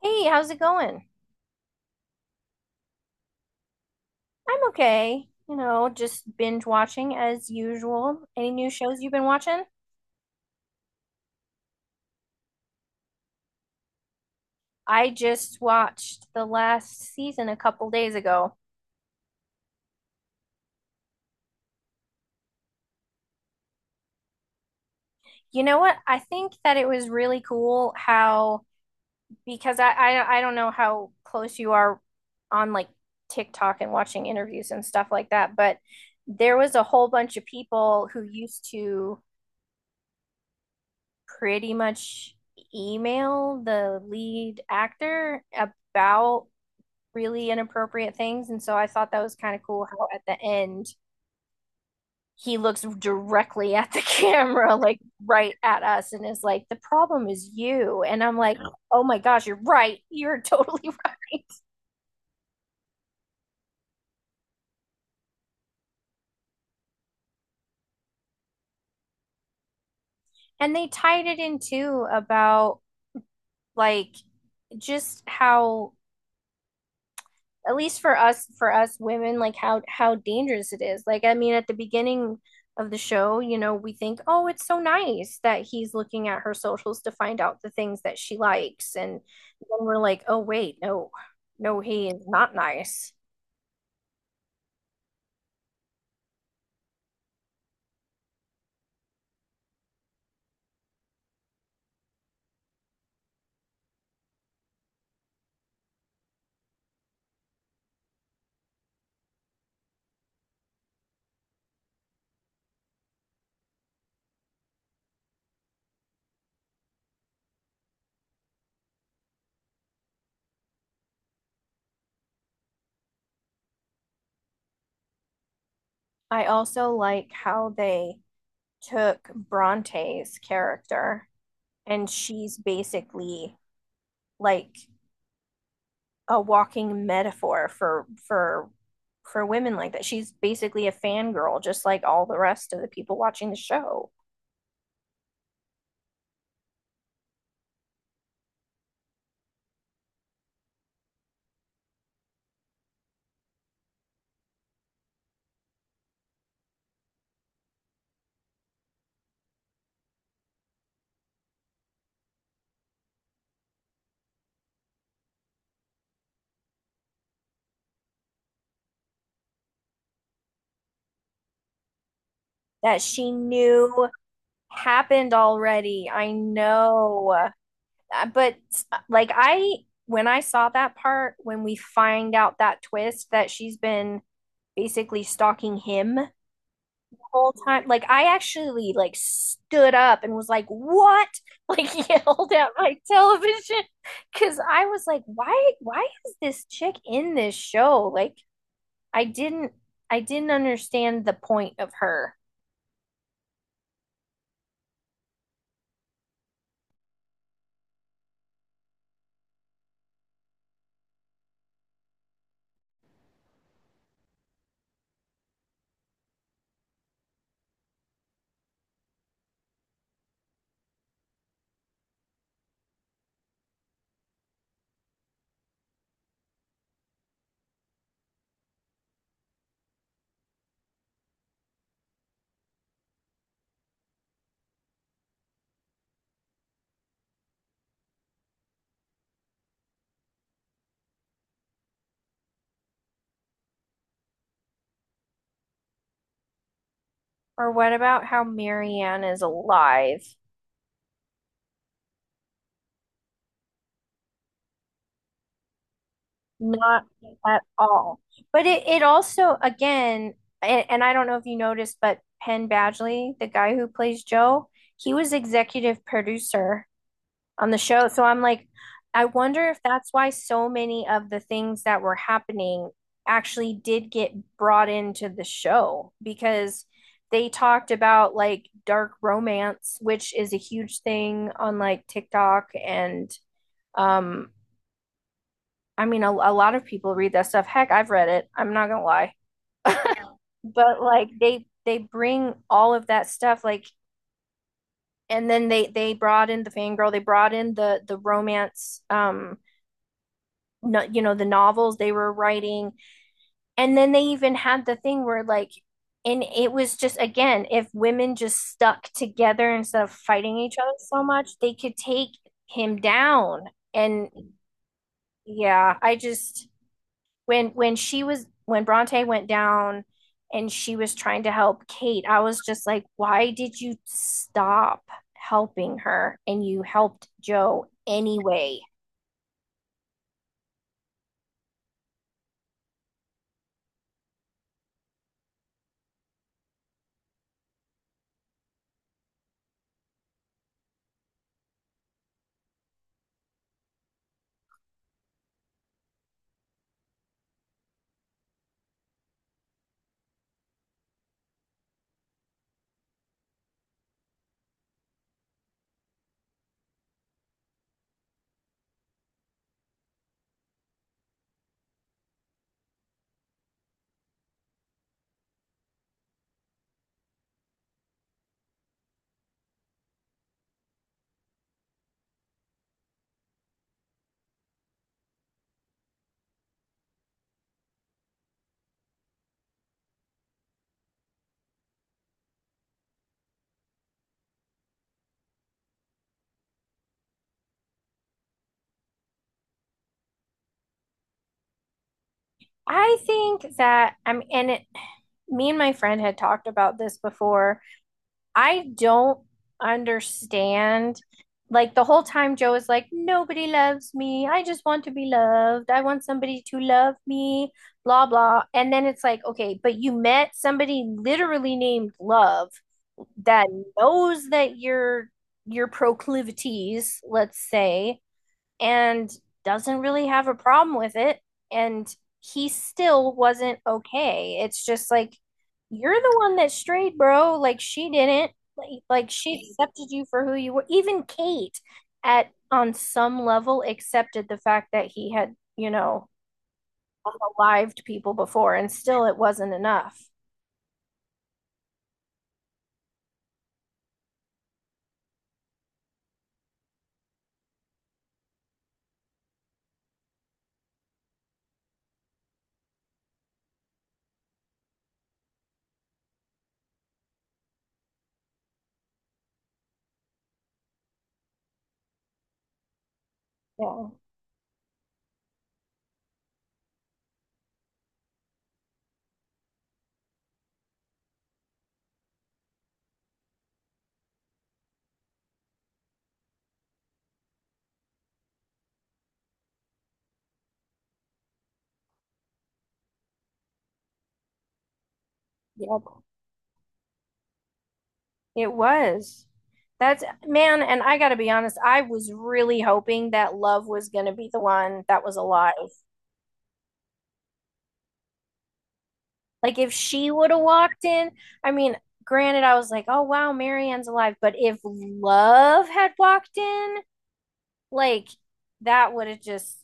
Hey, how's it going? I'm okay. You know, just binge watching as usual. Any new shows you've been watching? I just watched the last season a couple days ago. You know what? I think that it was really cool how because I don't know how close you are on TikTok and watching interviews and stuff like that, but there was a whole bunch of people who used to pretty much email the lead actor about really inappropriate things. And so I thought that was kind of cool how at the end he looks directly at the camera, like right at us, and is like, "The problem is you." And I'm like, "Oh my gosh, you're right. You're totally right." And they tied it in too about like just how, at least for us women, like how dangerous it is. Like, I mean, at the beginning of the show, you know, we think, "Oh, it's so nice that he's looking at her socials to find out the things that she likes." And then we're like, "Oh wait, no, no he is not nice." I also like how they took Bronte's character, and she's basically like a walking metaphor for for women like that. She's basically a fangirl, just like all the rest of the people watching the show. That she knew happened already. I know. But like I when I saw that part, when we find out that twist that she's been basically stalking him whole time. Like, I actually like stood up and was like, "What?" Like, yelled at my television because I was like, "Why? Why is this chick in this show?" Like, I didn't, I didn't understand the point of her. Or what about how Marianne is alive? Not at all. But it also again, and I don't know if you noticed, but Penn Badgley, the guy who plays Joe, he was executive producer on the show. So I'm like, I wonder if that's why so many of the things that were happening actually did get brought into the show, because they talked about like dark romance, which is a huge thing on like TikTok. And um, I mean, a lot of people read that stuff. Heck, I've read it. I'm not gonna lie. But like they bring all of that stuff, like, and then they brought in the fangirl, they brought in the romance, no, you know, the novels they were writing. And then they even had the thing where like, and it was just again, if women just stuck together instead of fighting each other so much, they could take him down. And yeah, I just, when she was, when Bronte went down and she was trying to help Kate, I was just like, why did you stop helping her and you helped Joe anyway? I think that I'm and it me and my friend had talked about this before. I don't understand, like, the whole time Joe is like, "Nobody loves me. I just want to be loved. I want somebody to love me, blah blah." And then it's like, okay, but you met somebody literally named Love that knows that your proclivities, let's say, and doesn't really have a problem with it. And he still wasn't okay. It's just like, you're the one that strayed, bro. Like, she didn't. Like she accepted you for who you were. Even Kate, at on some level, accepted the fact that he had, you know, alived people before, and still it wasn't enough. Yeah. Yep. It was. That's man, and I gotta be honest, I was really hoping that Love was gonna be the one that was alive. Like, if she would have walked in, I mean, granted, I was like, "Oh wow, Marianne's alive." But if Love had walked in, like, that would have just,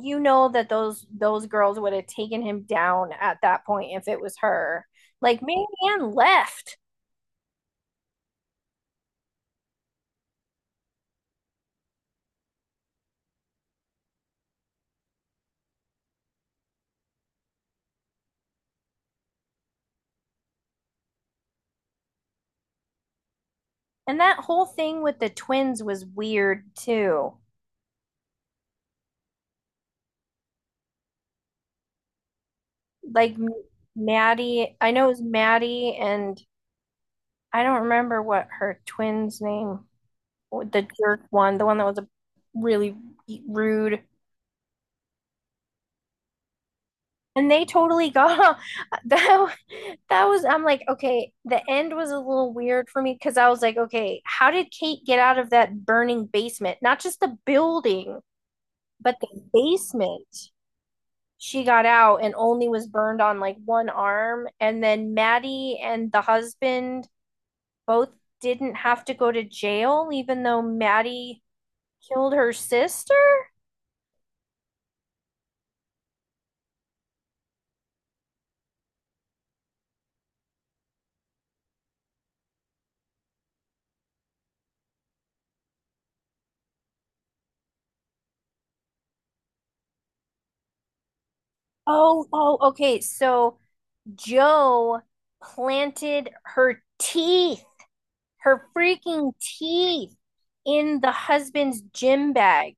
you know, that those girls would have taken him down at that point if it was her. Like Marianne left. And that whole thing with the twins was weird too. Like Maddie, I know it was Maddie, and I don't remember what her twin's name, the jerk one, the one that was a really rude. And they totally got that. That was, I'm like, okay, the end was a little weird for me because I was like, okay, how did Kate get out of that burning basement? Not just the building, but the basement. She got out and only was burned on like one arm. And then Maddie and the husband both didn't have to go to jail, even though Maddie killed her sister. Oh, oh, okay. So Joe planted her teeth, her freaking teeth, in the husband's gym bag.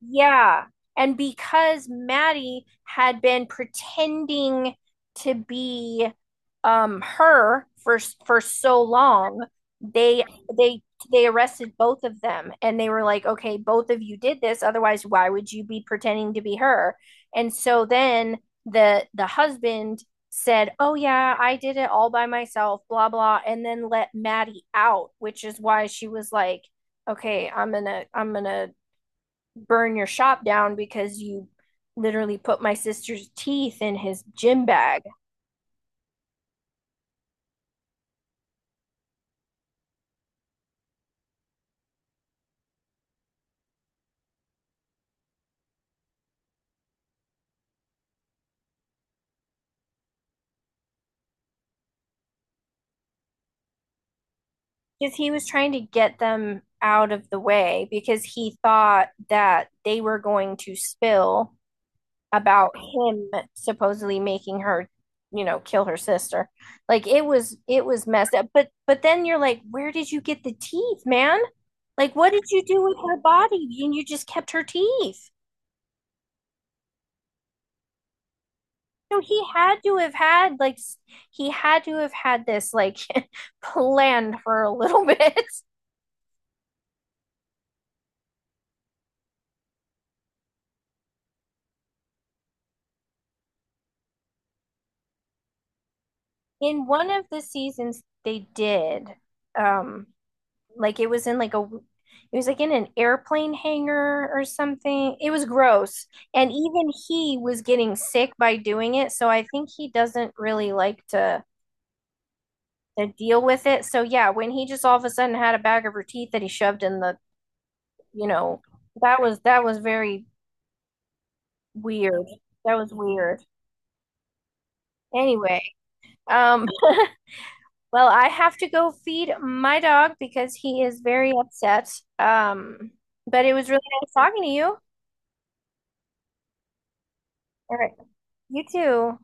Yeah. And because Maddie had been pretending to be her for so long, they they they arrested both of them, and they were like, "Okay, both of you did this. Otherwise, why would you be pretending to be her?" And so then the husband said, "Oh yeah, I did it all by myself, blah blah," and then let Maddie out, which is why she was like, "Okay, I'm gonna burn your shop down because you literally put my sister's teeth in his gym bag, because he was trying to get them out of the way because he thought that they were going to spill about him supposedly making her, you know, kill her sister." Like, it was messed up. But then you're like, where did you get the teeth, man? Like, what did you do with her body and you just kept her teeth? So he had to have had like, he had to have had this like planned for a little bit. In one of the seasons they did, um like it was in like a, it was like in an airplane hangar or something. It was gross. And even he was getting sick by doing it, so I think he doesn't really like to deal with it. So yeah, when he just all of a sudden had a bag of her teeth that he shoved in the, you know, that was very weird. That was weird. Anyway, um, well, I have to go feed my dog because he is very upset. Um, but it was really nice talking to you. All right. You too.